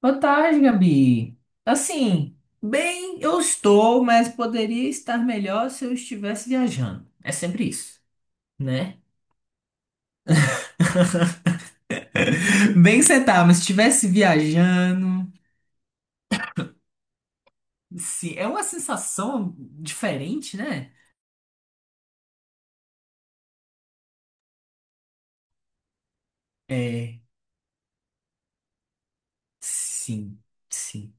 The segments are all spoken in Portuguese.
Boa tarde, Gabi. Assim, bem, eu estou, mas poderia estar melhor se eu estivesse viajando. É sempre isso, né? Bem que você tá, mas se estivesse viajando, sim, é uma sensação diferente, né? É, sim, sim.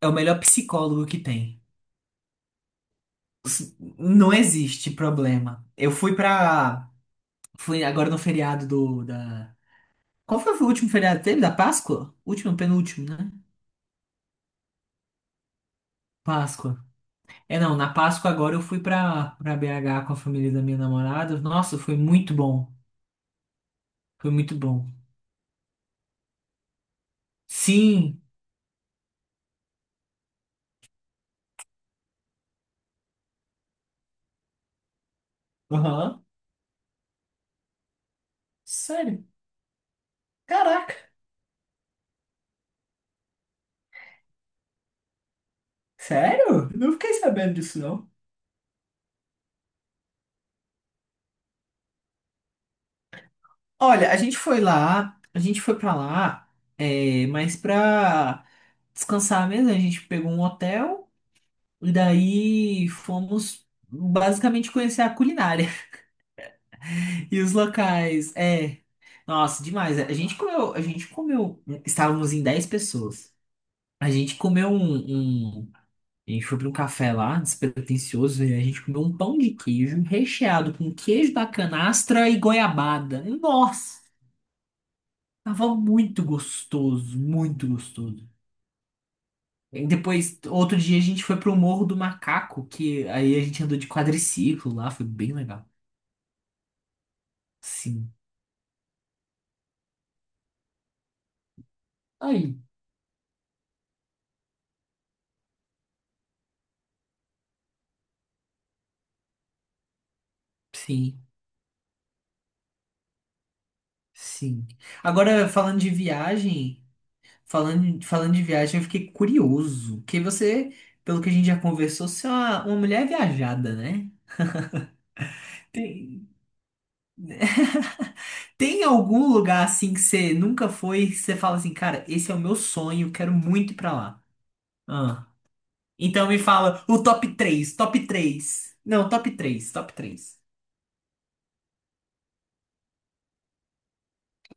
É o melhor psicólogo que tem. Não existe problema. Eu fui pra. Fui agora no feriado do da. Qual foi o último feriado que teve? Da Páscoa? Último, penúltimo, né? Páscoa. É, não, na Páscoa agora eu fui pra BH com a família da minha namorada. Nossa, foi muito bom. Foi muito bom. Sim. Aham. Sério? Caraca. Sério? Eu não fiquei sabendo disso, não. Olha, a gente foi pra lá, mas pra descansar mesmo, a gente pegou um hotel e daí fomos basicamente conhecer a culinária e os locais. É, nossa, demais. A gente comeu, estávamos em 10 pessoas. A gente comeu um, um- A gente foi pra um café lá, despretensioso, e a gente comeu um pão de queijo recheado com queijo da canastra e goiabada. Nossa, tava muito gostoso, muito gostoso. E depois, outro dia, a gente foi pro Morro do Macaco, que aí a gente andou de quadriciclo lá, foi bem legal. Sim. Aí, sim, sim. Agora, falando de viagem. Falando de viagem, eu fiquei curioso. Que você, pelo que a gente já conversou, você é uma mulher viajada, né? Tem, tem algum lugar assim que você nunca foi, que você fala assim, cara, esse é o meu sonho, quero muito ir pra lá. Ah. Então me fala o top três, top três. Não, top três, top três.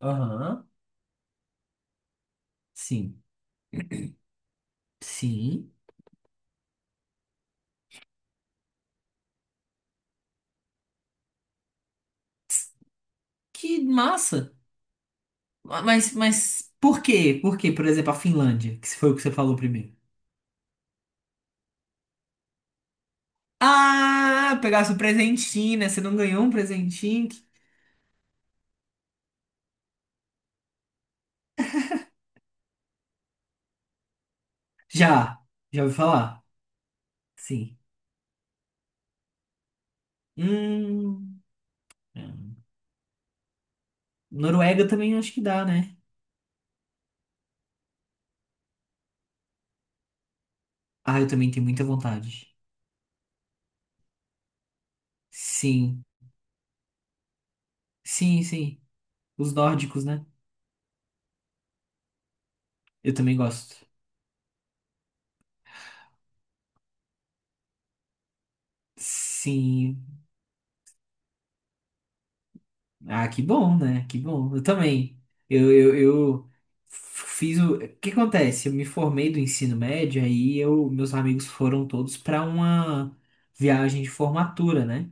Aham. Sim. Sim. Que massa. Mas por quê? Por quê? Por exemplo, a Finlândia, que foi o que você falou primeiro. Ah, pegasse o presentinho, né? Você não ganhou um presentinho? Já, já ouvi falar. Sim. Hum, Noruega também acho que dá, né? Ah, eu também tenho muita vontade. Sim, sim, sim. Os nórdicos, né? Eu também gosto. Sim. Ah, que bom, né? Que bom. Eu também. Eu fiz o. O que acontece? Eu me formei do ensino médio, aí meus amigos foram todos para uma viagem de formatura, né?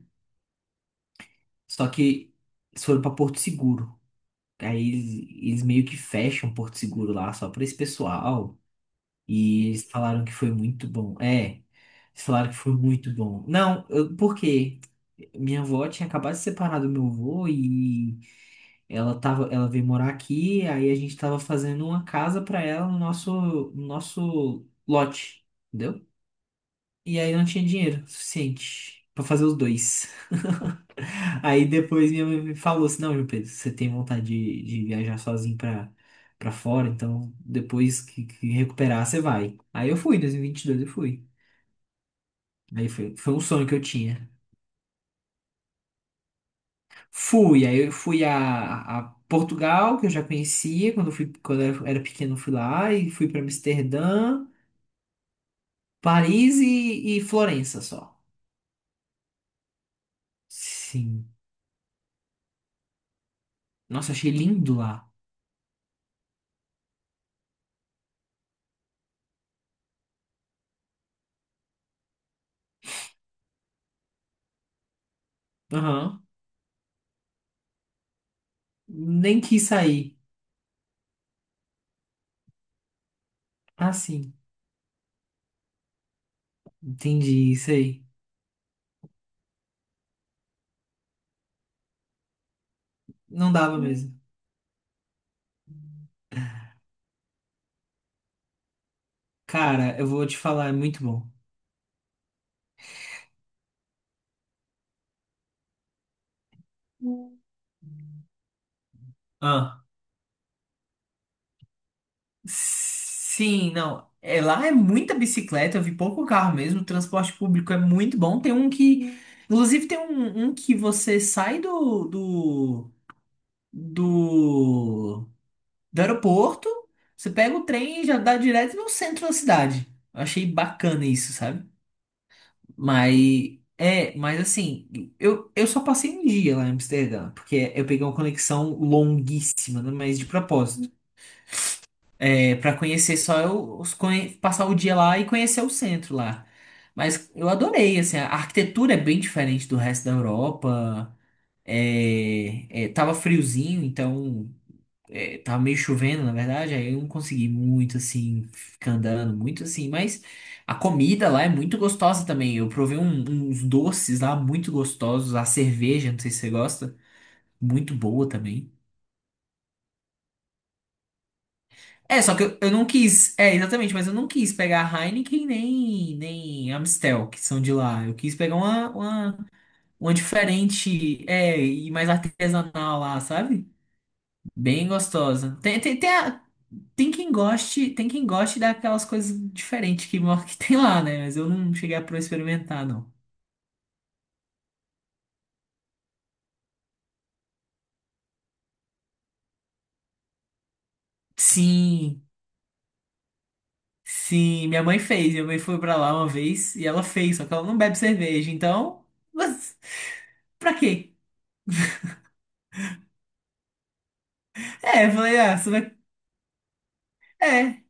Só que eles foram pra Porto Seguro. Aí eles meio que fecham Porto Seguro lá só pra esse pessoal. E eles falaram que foi muito bom. É, eles falaram que foi muito bom. Não, por quê? Minha avó tinha acabado de separar do meu avô e ela veio morar aqui, aí a gente tava fazendo uma casa pra ela no nosso lote. Entendeu? E aí não tinha dinheiro suficiente pra fazer os dois. Aí depois minha mãe me falou assim, não, João Pedro, você tem vontade de, viajar sozinho pra fora, então depois que recuperar, você vai. Aí eu fui, em 2022 eu fui. Aí foi um sonho que eu tinha. Fui, aí eu fui a Portugal, que eu já conhecia, quando eu era pequeno eu fui lá, e fui pra Amsterdã, Paris e Florença só. Sim. Nossa, achei lindo lá. Aham. Nem quis sair. Ah, sim. Entendi, isso aí. Não dava mesmo. Cara, eu vou te falar, é muito bom. Ah. Sim, não. É, lá é muita bicicleta, eu vi pouco carro mesmo. O transporte público é muito bom. Tem um que. Inclusive, tem um que você sai do, do aeroporto, você pega o trem e já dá direto no centro da cidade. Eu achei bacana isso, sabe? Mas, mas assim, eu só passei um dia lá em Amsterdã, porque eu peguei uma conexão longuíssima, né, mas de propósito. É, para conhecer só eu, passar o dia lá e conhecer o centro lá. Mas eu adorei, assim, a arquitetura é bem diferente do resto da Europa. Tava friozinho, então tava meio chovendo, na verdade, aí eu não consegui muito assim, ficar andando, muito assim, mas a comida lá é muito gostosa também. Eu provei uns doces lá muito gostosos, a cerveja, não sei se você gosta, muito boa também. É, só que eu não quis, é, exatamente, mas eu não quis pegar a Heineken nem Amstel, que são de lá. Eu quis pegar uma diferente, e mais artesanal lá, sabe? Bem gostosa. Tem quem goste daquelas coisas diferentes que, tem lá, né? Mas eu não cheguei a pro experimentar, não. Sim, sim, minha mãe fez. Minha mãe foi pra lá uma vez e ela fez, só que ela não bebe cerveja, então. Mas pra quê? É, eu falei, ah, você vai. É.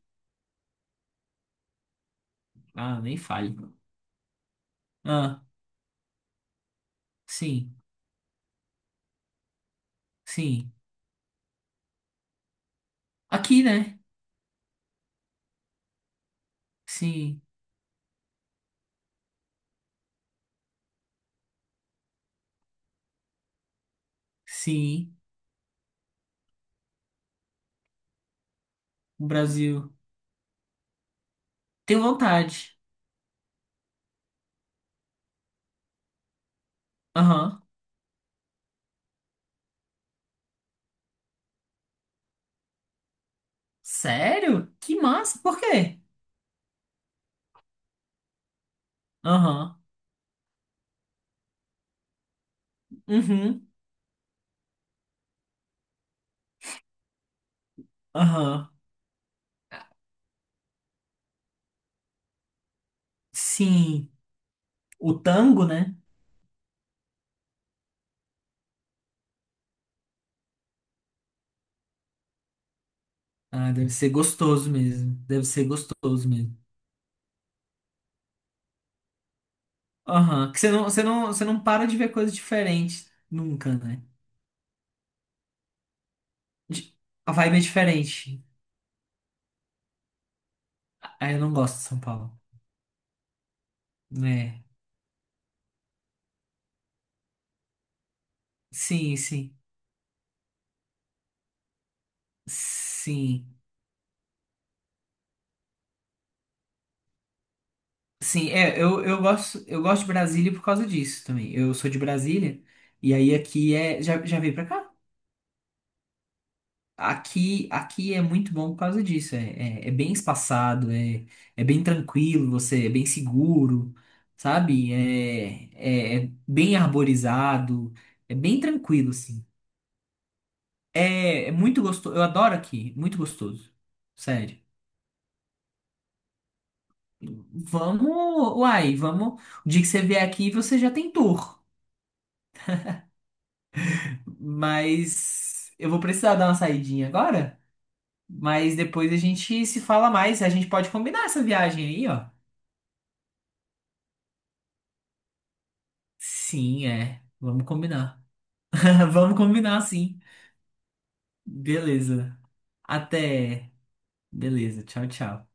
Ah, nem fale. Ah, sim, sim. Aqui, né? Sim, sim. O Brasil. Tenho vontade. Aham. Sério? Que massa, por quê? Aham. Uhum. Aham. Sim, o tango, né? Ah, deve ser gostoso mesmo. Deve ser gostoso mesmo. Aham. Que você não para de ver coisa diferente nunca, né? De- A vibe é diferente. Ah, eu não gosto de São Paulo. É. Sim, sim. Sim. Sim, eu gosto de Brasília por causa disso também. Eu sou de Brasília e aí aqui já veio pra cá? Aqui é muito bom por causa disso. É bem espaçado, é bem tranquilo, você é bem seguro, sabe? É bem arborizado, é bem tranquilo, assim. É muito gostoso. Eu adoro aqui, muito gostoso. Sério. Vamos, uai, vamos. O dia que você vier aqui, você já tem tour. Mas eu vou precisar dar uma saidinha agora. Mas depois a gente se fala mais. A gente pode combinar essa viagem aí, ó. Sim, é. Vamos combinar. Vamos combinar, sim. Beleza. Até. Beleza. Tchau, tchau.